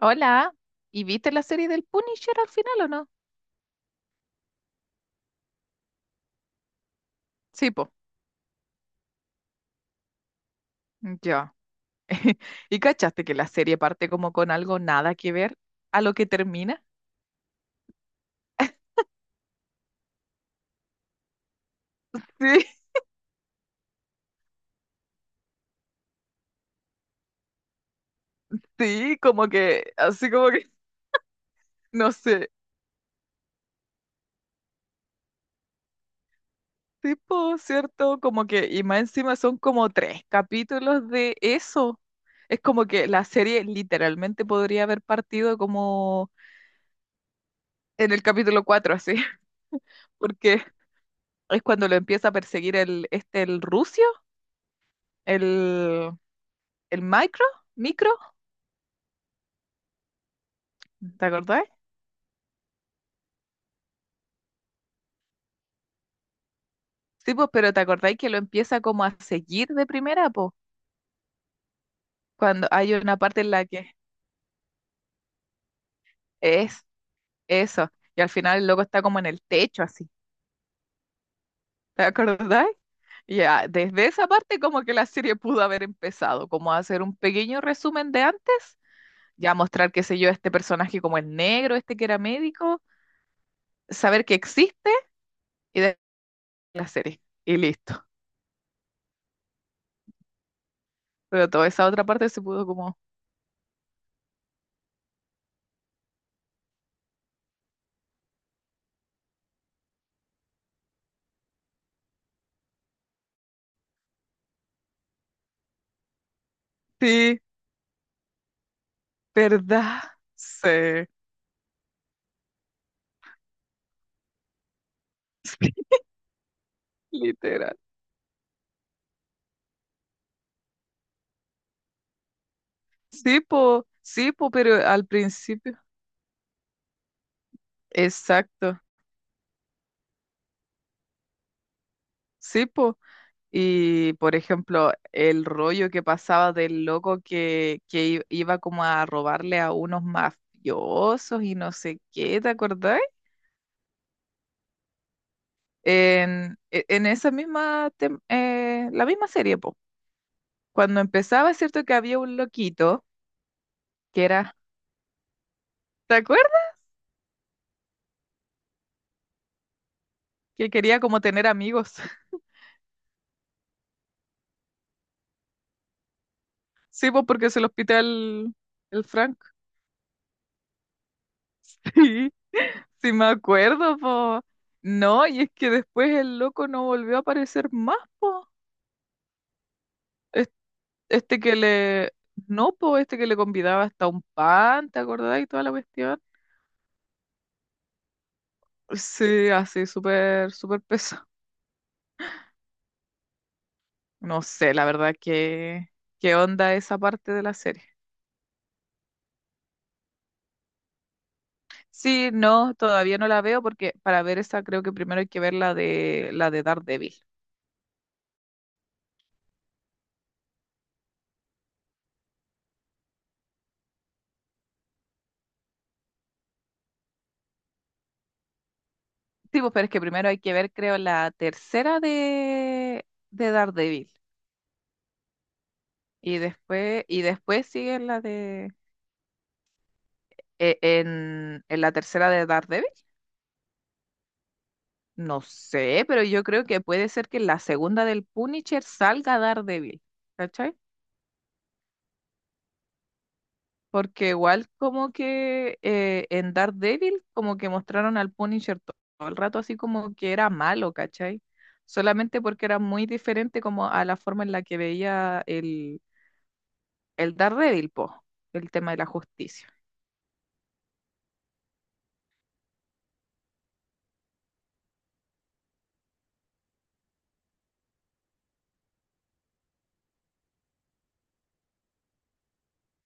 Hola, ¿y viste la serie del Punisher al final o no? Sí, po, ya. ¿Y cachaste que la serie parte como con algo nada que ver a lo que termina? Sí, sí, como que, así como que, no sé, tipo, ¿cierto? Como que, y más encima son como tres capítulos de eso. Es como que la serie literalmente podría haber partido como en el capítulo 4 así, porque es cuando lo empieza a perseguir el, el rucio, el... el micro, micro, ¿te acordáis? Sí, pues, pero ¿te acordáis que lo empieza como a seguir de primera, pues? Cuando hay una parte en la que es eso, y al final el loco está como en el techo, así, ¿te acordáis? Ya, desde esa parte como que la serie pudo haber empezado, como a hacer un pequeño resumen de antes, ya mostrar, qué sé yo, este personaje como el negro, este que era médico, saber que existe y de la serie, y listo. Pero toda esa otra parte se pudo como, sí, ¿verdad? Sí. Literal. Sí, po, pero al principio, exacto, sí, po. Y por ejemplo, el rollo que pasaba del loco que, iba como a robarle a unos mafiosos y no sé qué, ¿te acordás? En, en esa misma, la misma serie, po. Cuando empezaba, es cierto que había un loquito que era, ¿te acuerdas? Que quería como tener amigos. Sí, po, porque es el hospital, el Frank. Sí me acuerdo, po. No, y es que después el loco no volvió a aparecer más, po. Es- Este No, po, este que le convidaba hasta un pan, ¿te acordás? Y toda la cuestión. Sí, así, súper, súper peso. No sé, la verdad, que qué onda esa parte de la serie. Sí, no, todavía no la veo porque para ver esa creo que primero hay que ver la de Daredevil. Sí, pues, pero es que primero hay que ver, creo, la tercera de Daredevil. Y después, sigue la de en la tercera de Daredevil. No sé, pero yo creo que puede ser que en la segunda del Punisher salga Daredevil, ¿cachai? Porque igual como que en Daredevil como que mostraron al Punisher todo el rato así como que era malo, ¿cachai? Solamente porque era muy diferente como a la forma en la que veía el Daredevil, po, el tema de la justicia.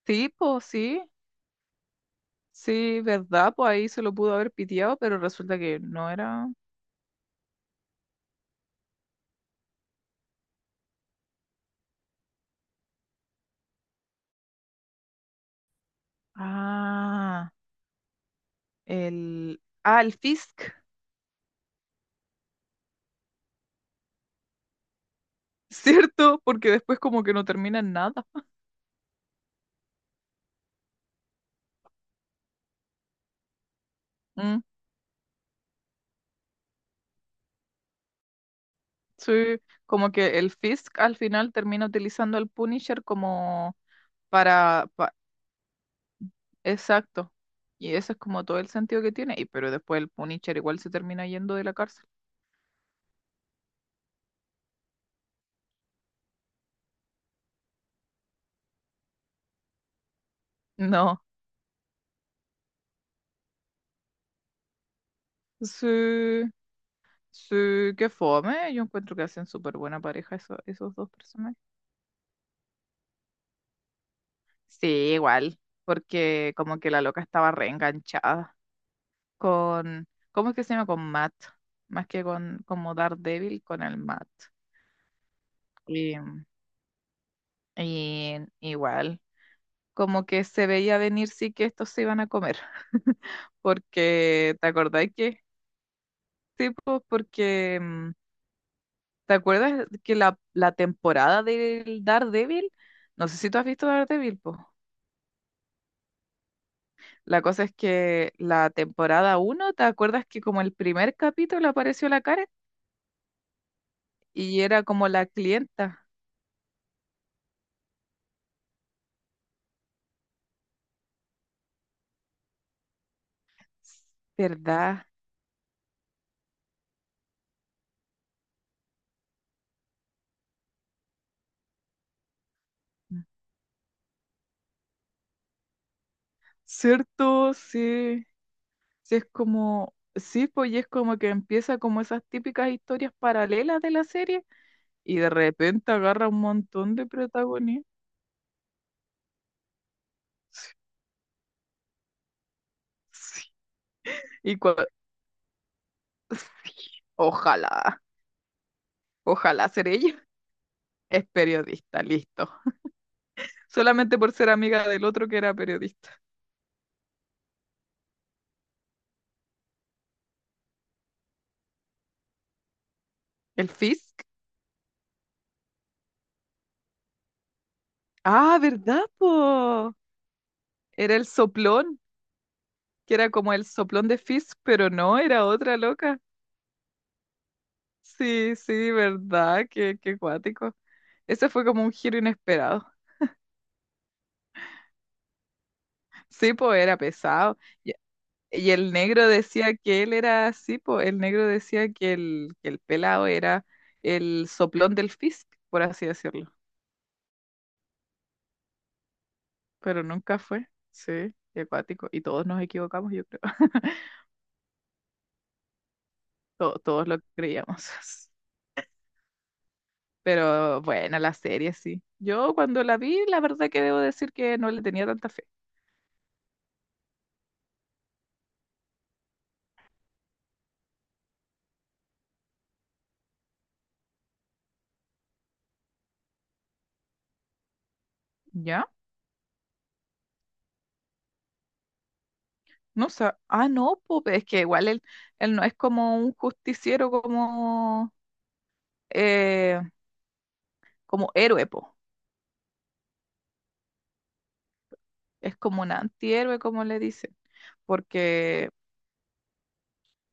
Sí, po, sí. Sí, ¿verdad? Pues ahí se lo pudo haber piteado, pero resulta que no era. Ah, Ah, el Fisk, ¿cierto? Porque después como que no termina en nada. Mm, sí, como que el Fisk al final termina utilizando al Punisher como para... pa- Exacto. Y eso es como todo el sentido que tiene. Y pero después el Punisher igual se termina yendo de la cárcel. No. Sí, sí, qué fome. Yo encuentro que hacen súper buena pareja esos dos personajes. Sí, igual, porque como que la loca estaba reenganchada con, ¿cómo es que se llama? Con Matt, más que con como Daredevil, con el Matt. Y, y igual, como que se veía venir sí que estos se iban a comer, porque, ¿te acordáis que? Sí, pues, porque, ¿te acuerdas que la temporada del Daredevil? No sé si tú has visto Daredevil, pues. La cosa es que la temporada uno, ¿te acuerdas que como el primer capítulo apareció la Karen y era como la clienta? ¿Verdad? ¿Cierto? Sí. Sí, es como, sí, pues y es como que empieza como esas típicas historias paralelas de la serie y de repente agarra un montón de protagonistas. Sí, sí. Y cua- sí, Ojalá, ojalá ser ella. Es periodista, listo. Solamente por ser amiga del otro que era periodista. ¿El Fizz? Ah, ¿verdad, po? Era el soplón, que era como el soplón de Fizz, pero no, era otra loca. Sí, sí, ¿verdad? Qué, qué cuático. Ese fue como un giro inesperado. Sí, po, era pesado. Y, y el negro decía que él era así, po. El negro decía que que el pelado era el soplón del Fizz, por así decirlo. Pero nunca fue. Sí, qué cuático. Y todos nos equivocamos, yo creo. Todos lo creíamos. Pero bueno, la serie sí. Yo cuando la vi, la verdad que debo decir que no le tenía tanta fe. ¿Ya? No sé. Ah, no, pues es que igual él, él no es como un justiciero como, eh, como héroe, po. Es como un antihéroe, como le dicen. Porque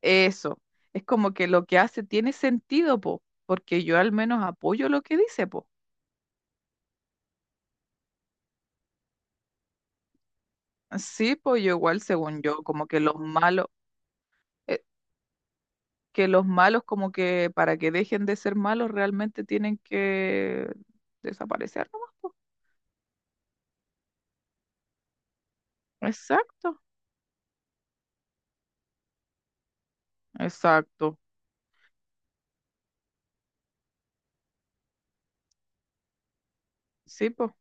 eso, es como que lo que hace tiene sentido, po. Porque yo al menos apoyo lo que dice, po. Sí, pues yo igual, según yo, como que los malos. eh, que los malos como que para que dejen de ser malos realmente tienen que desaparecer nomás, po. Exacto, exacto. Sí, po.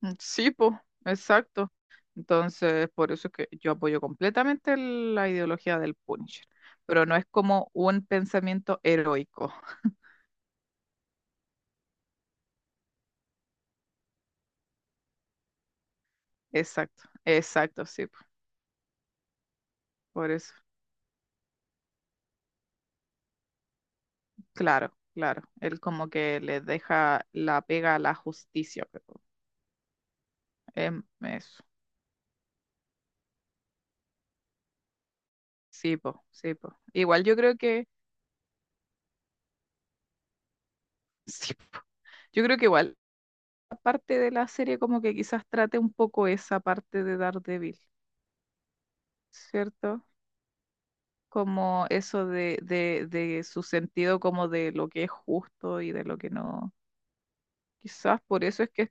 Mm, sí, po. Exacto. Entonces, por eso es que yo apoyo completamente la ideología del Punisher, pero no es como un pensamiento heroico. Exacto, exacto, sí, po. Por eso. Claro, claro. Él como que le deja la pega a la justicia, pero eso. Sí, po, sí, po. Igual yo creo que sí, po. Yo creo que igual, parte de la serie como que quizás trate un poco esa parte de Daredevil, ¿cierto? Como eso de, de su sentido como de lo que es justo y de lo que no. Quizás por eso es que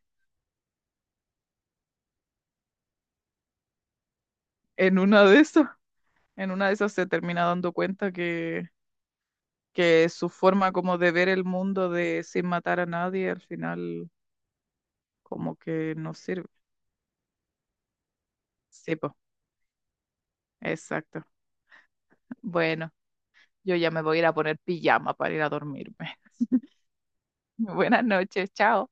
en una de esas, en una de esas se termina dando cuenta que su forma como de ver el mundo de sin matar a nadie al final como que no sirve. Sí, po, exacto. Bueno, yo ya me voy a ir a poner pijama para ir a dormirme. Buenas noches, chao.